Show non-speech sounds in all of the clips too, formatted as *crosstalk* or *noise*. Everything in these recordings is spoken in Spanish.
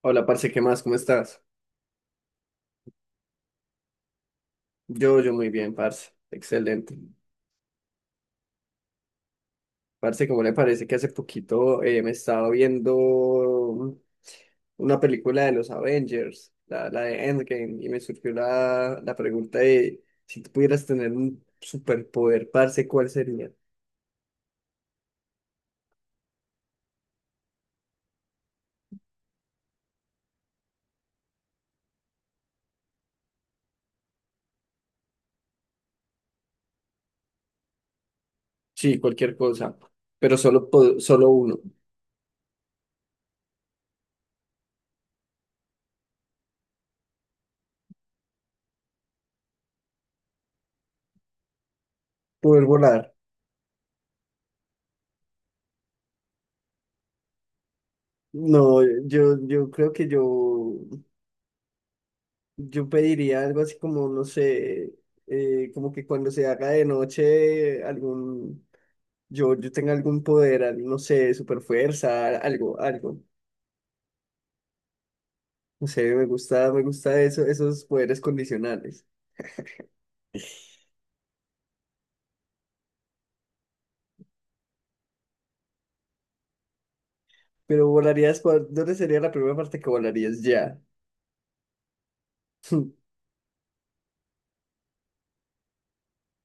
Hola, parce, ¿qué más? ¿Cómo estás? Yo muy bien, parce. Excelente. Parce, ¿cómo le parece que hace poquito me estaba viendo una película de los Avengers, la de Endgame, y me surgió la pregunta de si tú pudieras tener un superpoder, parce, ¿cuál sería? Sí, cualquier cosa, pero solo uno. Poder volar. No, yo creo que yo Yo pediría algo así como, no sé, como que cuando se haga de noche, yo tenga algún poder, no sé, super fuerza, algo, algo. No sé, me gusta eso, esos poderes condicionales. Pero volarías, ¿dónde sería la primera parte que volarías ya? *laughs*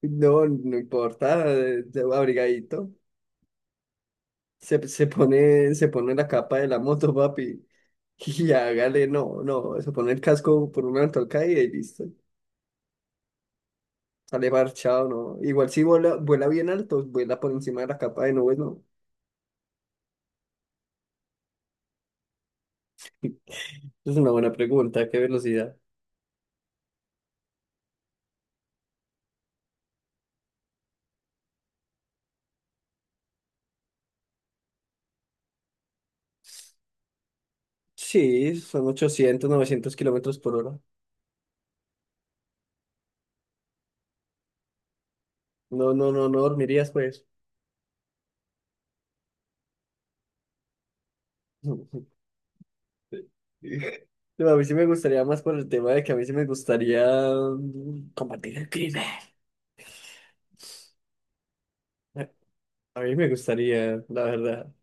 No, no importa, abrigadito. Se pone la capa de la moto, papi. *laughs* Y hágale, no, no, se pone el casco por una ventolca y listo. Sale parchado, ¿no? Igual si vuela, vuela bien alto, vuela por encima de la capa de nubes, ¿no? *laughs* Es una buena pregunta, ¿qué velocidad? Sí, son 800, novecientos kilómetros por hora. No, no, no, no dormirías, pues. *laughs* No, a mí sí me gustaría más por el tema de que a mí sí me gustaría combatir el crimen. A mí me gustaría, la verdad.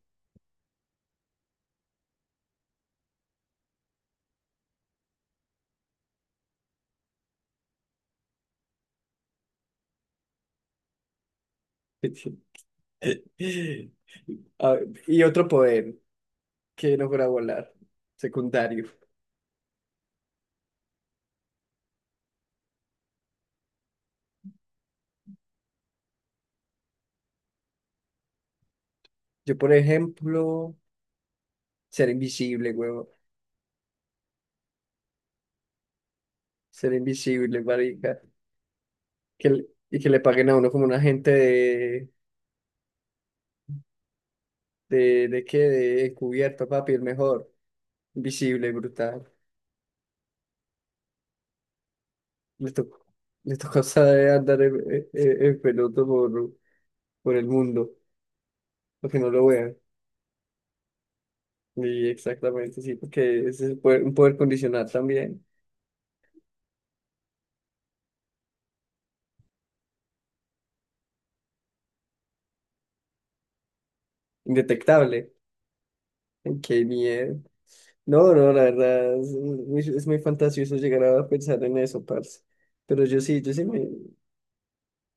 *laughs* A- y otro poder que no fuera volar, secundario. Yo, por ejemplo, ser invisible, huevo. Ser invisible, marica. Y que le paguen a uno como un agente de... de qué? De encubierto, papi, el mejor. Invisible, brutal. Le tocó, le tocó saber andar en peloto por el mundo, porque no lo vean. Y exactamente, sí, porque ese es un poder condicional también. Indetectable. Ay, qué miedo. No, no, la verdad, es muy fantasioso llegar a pensar en eso, parce. Pero yo sí, yo sí me,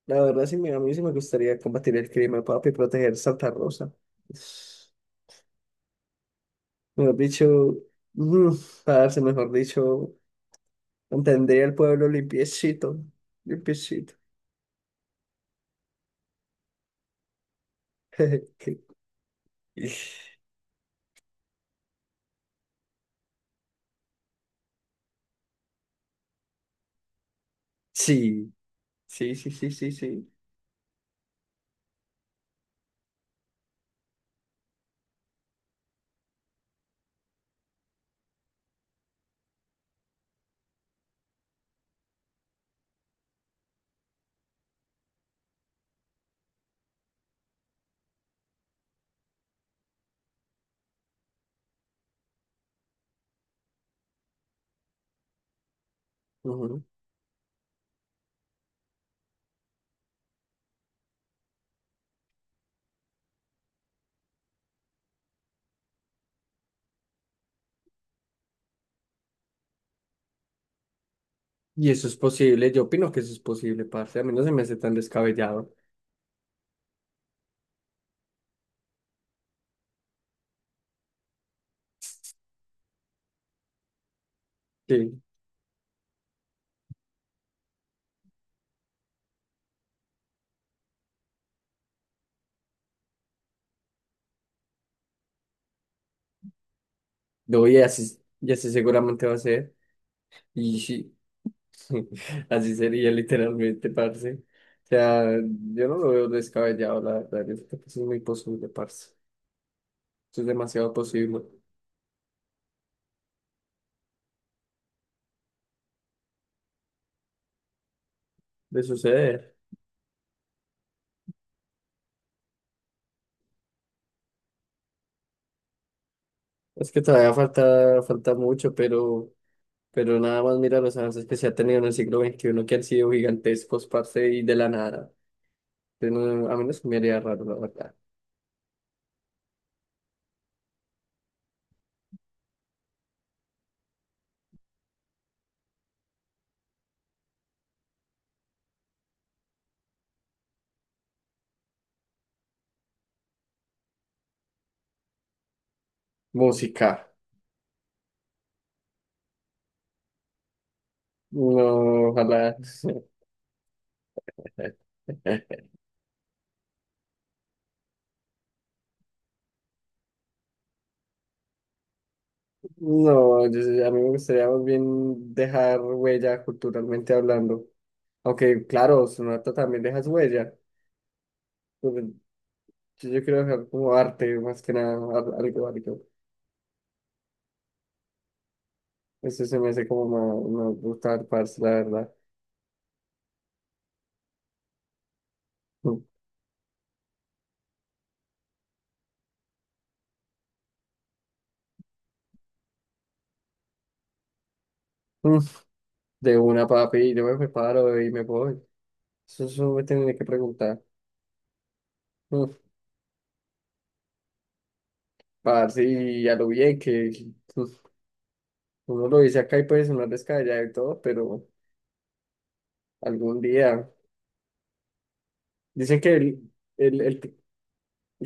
La verdad, sí, mira, a mí sí me gustaría combatir el crimen, papi, proteger Santa Rosa. Mejor dicho, mm, parce, mejor dicho, mantendría el pueblo limpiecito, limpiecito. *laughs* Sí, sí, sí, sí, sí, sí. Ujú. Y eso es posible, yo opino que eso es posible, parce. A mí no se me hace tan descabellado. Sí, lo voy a hacer, y así seguramente va a ser. Y sí. *laughs* Así sería literalmente, parce. O sea, yo no lo veo descabellado, la verdad. Yo creo que eso es muy posible, parce. Eso es demasiado posible de suceder. Es que todavía falta, falta mucho, pero nada más mira los avances que se ha tenido en el siglo XXI que han sido gigantescos, parce, y de la nada. Entonces, a mí no se me haría raro, la verdad. Música. No, ojalá. *laughs* No, a mí me gustaría más bien dejar huella culturalmente hablando. Aunque, claro, Sonata también deja su huella. Pues, yo quiero dejar como arte, más que nada, algo, algo. Eso se me hace como más, más brutal, parce, la verdad. Mm, mm, de una, papi, yo me preparo y me voy. Eso me tienen que preguntar. Mm, parce, y a lo bien que mm, uno lo dice acá y puede sonar descabellado y todo, pero algún día. Dicen que el,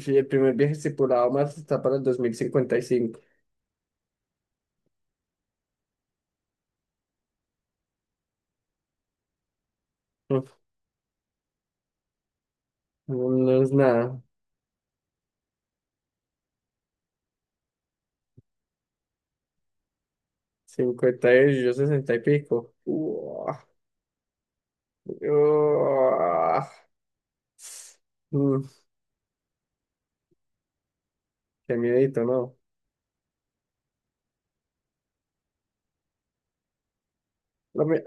sí, el primer viaje estipulado a Marte está para el 2055. Mm, no, no es nada. Cincuenta y yo 60 y pico. Uah, uah. Mm, qué miedito, ¿no? Lo mi-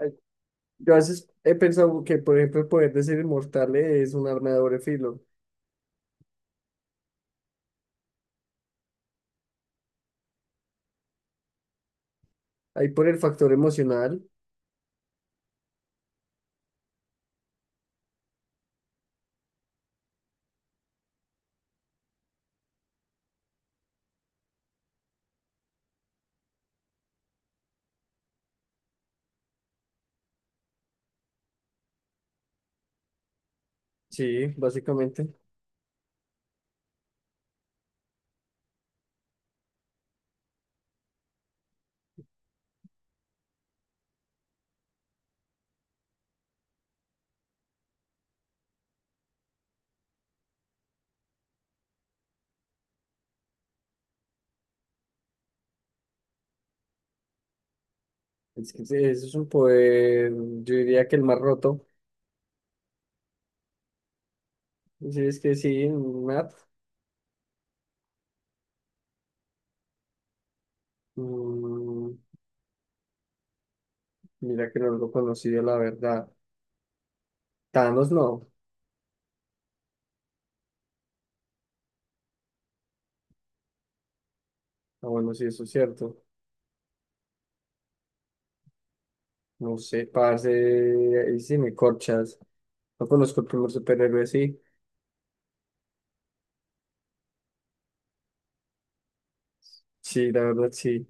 Yo a veces he pensado que, por ejemplo, el poder de ser inmortal es un arma de doble filo. Ahí por el factor emocional, sí, básicamente. Es que sí, eso es un poder, yo diría que el más roto. Sí, es que sí, Matt. Mm, mira que no lo conocido, la verdad. Thanos no. Ah, bueno, sí, eso es cierto. No sé, parce, ahí sí me corchas. No conozco el primer superhéroe, sí. Sí, la verdad, sí.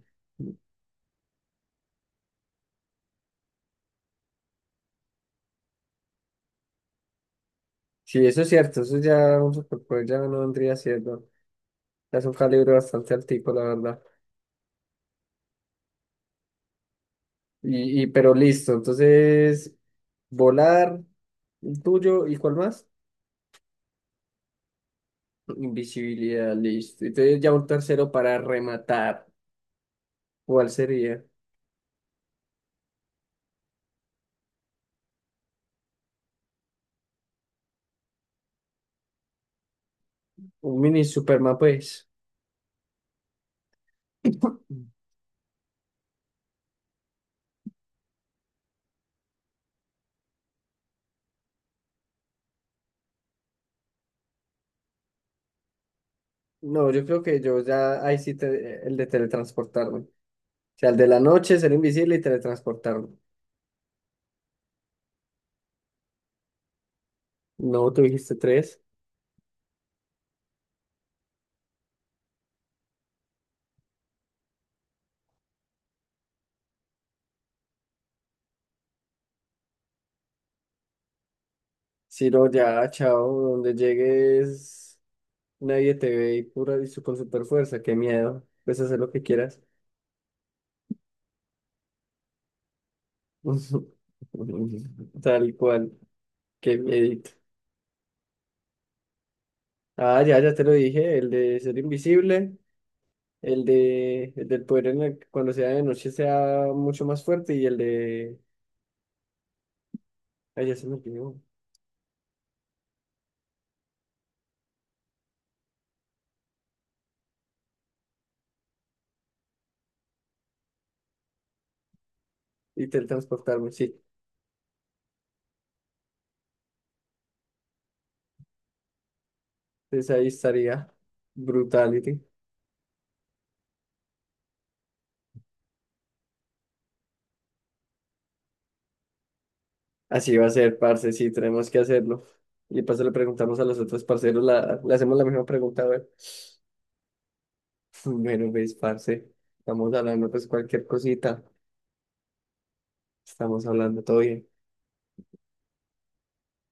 Sí, eso es cierto, eso ya un superpoder ya no vendría siendo. Ya es un calibre bastante altico, la verdad. Y pero listo, entonces, volar, el tuyo, ¿y cuál más? Invisibilidad, listo. Entonces ya un tercero para rematar. ¿Cuál sería? Un mini Superman, pues. *coughs* No, yo creo que yo ya, ahí sí, el de teletransportarme. Sea, el de la noche, ser invisible y teletransportarme. No, tú dijiste tres. Si no, ya, chao, donde llegues, nadie te ve y con super fuerza, qué miedo. Puedes hacer lo que quieras. *laughs* Tal cual, qué miedito. Ah, ya, ya te lo dije, el de ser invisible, el de el del poder en el que cuando sea de noche sea mucho más fuerte y el de ay, ya se me olvidó. Y teletransportarme, sí. Entonces ahí estaría brutality. Así va a ser, parce, sí, tenemos que hacerlo. Y paso le preguntamos a los otros parceros, le hacemos la misma pregunta, a ver. *laughs* Bueno, pues, parce, estamos hablando, pues, cualquier cosita. Estamos hablando, todo bien.